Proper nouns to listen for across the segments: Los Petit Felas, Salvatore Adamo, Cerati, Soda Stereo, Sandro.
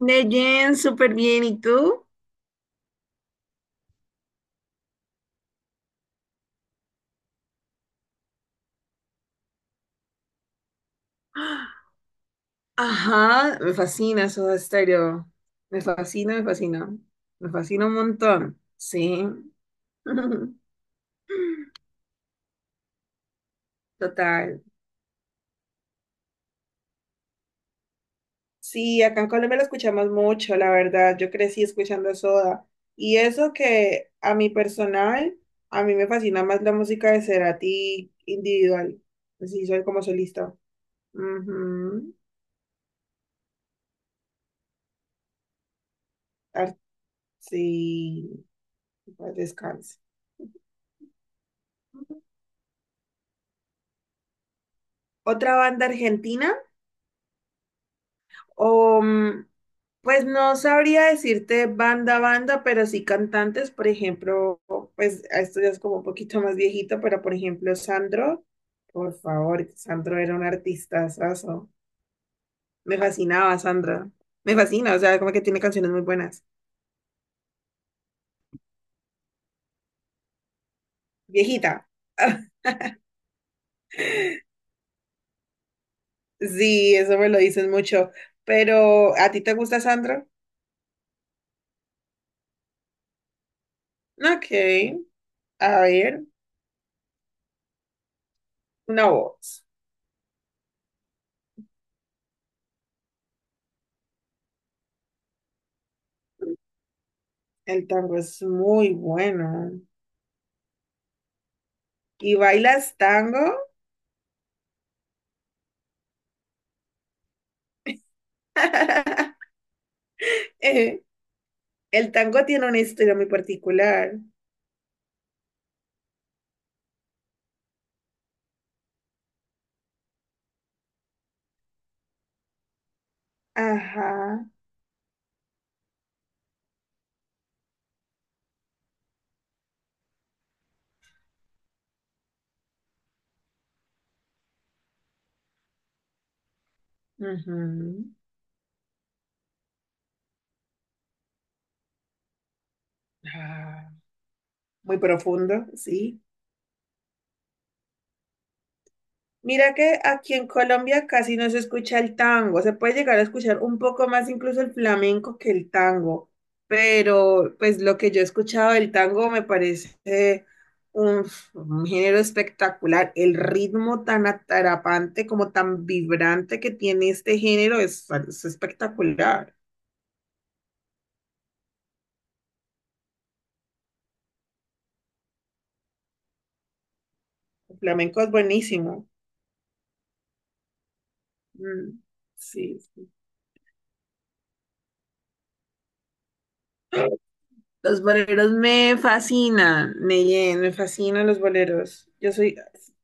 Neyen, súper bien. ¿Y tú? Ajá, me fascina Soda Stereo. Me fascina, me fascina. Me fascina un montón. Sí. Total. Sí, acá en Colombia lo escuchamos mucho, la verdad. Yo crecí escuchando Soda. Y eso que a mi personal, a mí me fascina más la música de Cerati individual. Sí, soy como solista. Ujú. Ar- sí, descanso. Otra banda argentina. O, mm, pues no sabría decirte banda a banda, pero sí cantantes, por ejemplo, pues a esto ya es como un poquito más viejito, pero por ejemplo, Sandro, por favor, Sandro era un artista. Me fascinaba Sandro, me fascina, o sea, como que tiene canciones muy buenas. Viejita. Sí, eso me lo dicen mucho, pero ¿a ti te gusta Sandro? Ok, a ver, una voz. El tango es muy bueno. ¿Y bailas tango? Eh, El tango tiene una historia muy particular. Ajá. Ujú, ah, muy profundo, sí. Mira que aquí en Colombia casi no se escucha el tango. Se puede llegar a escuchar un poco más incluso el flamenco que el tango. Pero pues lo que yo he escuchado del tango me parece un, un género espectacular. El ritmo tan atrapante como tan vibrante que tiene este género es espectacular. El flamenco es buenísimo. Mm, sí, sí. Ah, los boleros me fascinan, me fascinan los boleros. Yo soy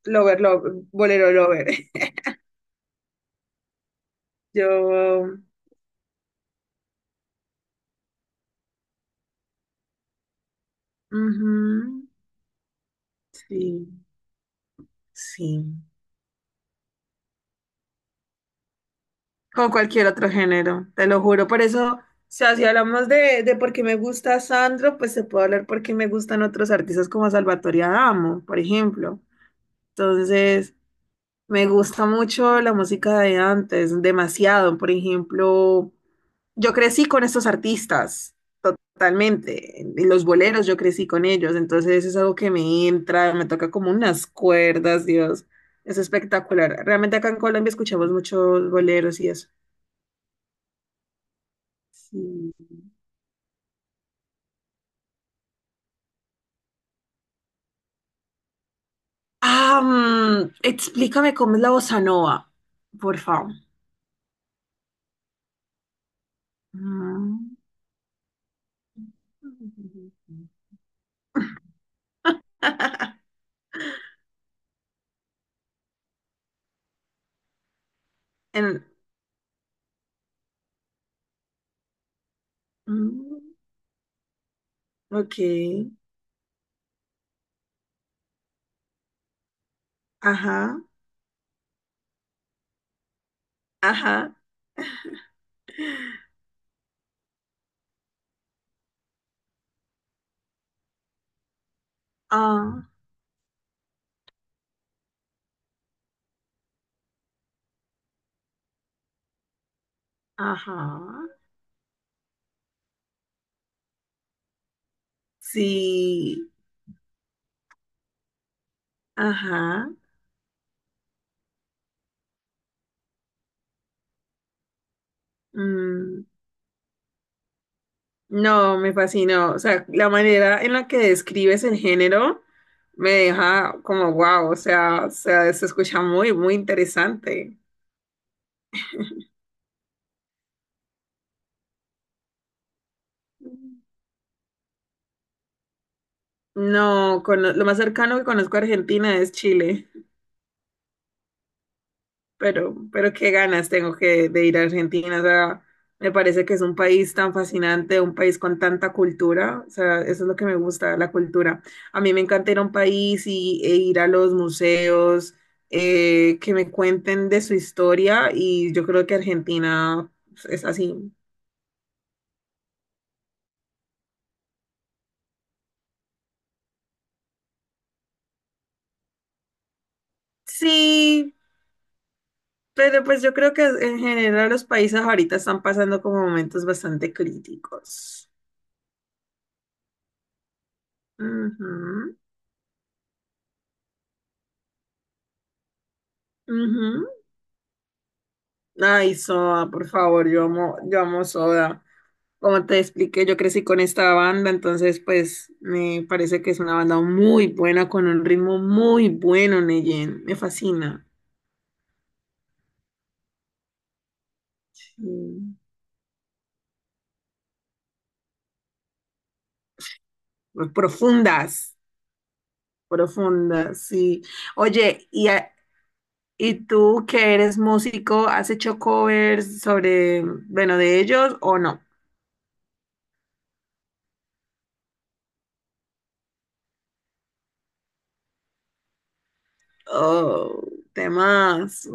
lover, lover, bolero lover. Yo, ujú, sí, sí. Como cualquier otro género, te lo juro. Por eso, o sea, si hablamos de, por qué me gusta Sandro, pues se puede hablar por qué me gustan otros artistas como Salvatore Adamo, por ejemplo. Entonces, me gusta mucho la música de antes, demasiado. Por ejemplo, yo crecí con estos artistas, totalmente. Y los boleros, yo crecí con ellos. Entonces es algo que me entra, me toca como unas cuerdas, Dios. Es espectacular. Realmente acá en Colombia escuchamos muchos boleros y eso. Sí. Ah, explícame cómo es la bossa nova, por favor. Mm. En- mm, ok. Ajá, ajá, ah, ajá, sí, ajá. Mm. No, me fascinó. O sea, la manera en la que describes el género me deja como wow. O sea, se escucha muy, muy interesante. No, lo más cercano que conozco a Argentina es Chile. Pero qué ganas tengo que de ir a Argentina. O sea, me parece que es un país tan fascinante, un país con tanta cultura. O sea, eso es lo que me gusta, la cultura. A mí me encanta ir a un país y, e ir a los museos, que me cuenten de su historia y yo creo que Argentina es así. Sí, pero pues yo creo que en general los países ahorita están pasando como momentos bastante críticos. Ujú, ujú. Ay, Soda, por favor, yo amo Soda. Como te expliqué, yo crecí con esta banda, entonces pues me parece que es una banda muy buena, con un ritmo muy bueno, Neyen. Me fascina. Mm, profundas, profundas, sí. Oye, y tú que eres músico, ¿has hecho covers sobre, bueno, de ellos o no? Oh, temas.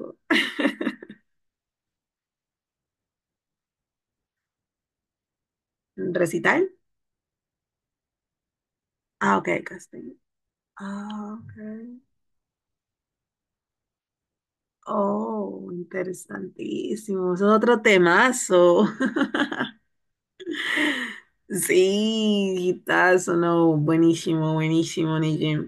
¿Recital? Ah, ok, casting. Ah, ok. Oh, interesantísimo. Eso es otro temazo. Sí, guitazo, no. Buenísimo, buenísimo, Nijim.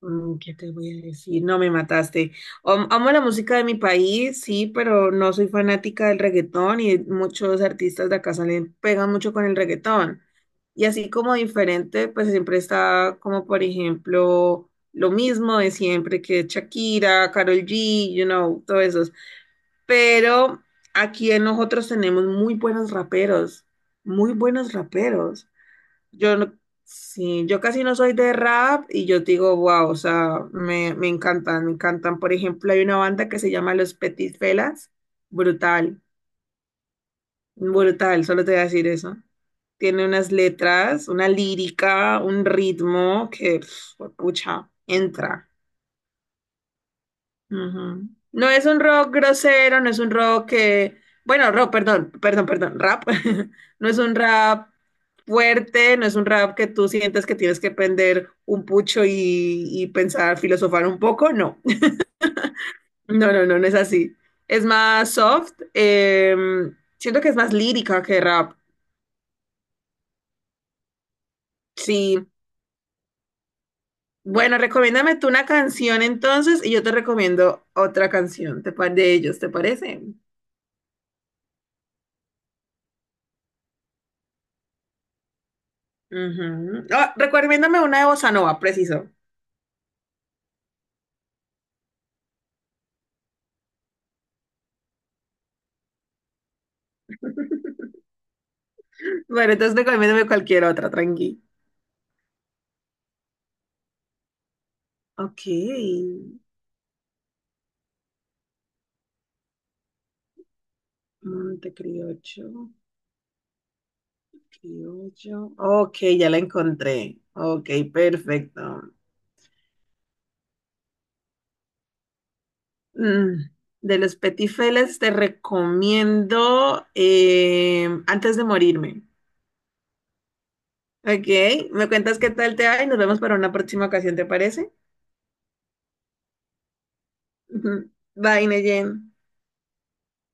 Mm, ¿qué te voy a decir? No me mataste. Amo la música de mi país, sí, pero no soy fanática del reggaetón y muchos artistas de acá salen, pegan mucho con el reggaetón. Y así como diferente, pues siempre está como, por ejemplo, lo mismo de siempre que Shakira, Karol G, you know, todo eso. Pero aquí en nosotros tenemos muy buenos raperos, muy buenos raperos. Yo no, sí, yo casi no soy de rap y yo digo, wow, o sea, me encantan, me encantan. Por ejemplo, hay una banda que se llama Los Petit Felas, brutal, brutal, solo te voy a decir eso. Tiene unas letras, una lírica, un ritmo que, pf, pucha, entra. Ujú. No es un rock grosero, no es un rock que, bueno, rock, perdón, perdón, perdón, rap. No es un rap fuerte, no es un rap que tú sientes que tienes que prender un pucho y pensar, filosofar un poco, no. No, no, no, no es así. Es más soft, siento que es más lírica que rap. Sí. Bueno, recomiéndame tú una canción entonces y yo te recomiendo otra canción de ellos, ¿te parece? Ujú. Ah, recomiéndame una de bossa nova, preciso. Bueno, entonces recomiéndame cualquier otra, tranqui. Ok. Monte Criollo, Criollo. Ok, ya la encontré. Ok, perfecto. Mm, de los Petifeles te recomiendo Antes de morirme. Ok, me cuentas qué tal te va y nos vemos para una próxima ocasión, ¿te parece? Ujú. Bye, Neyen.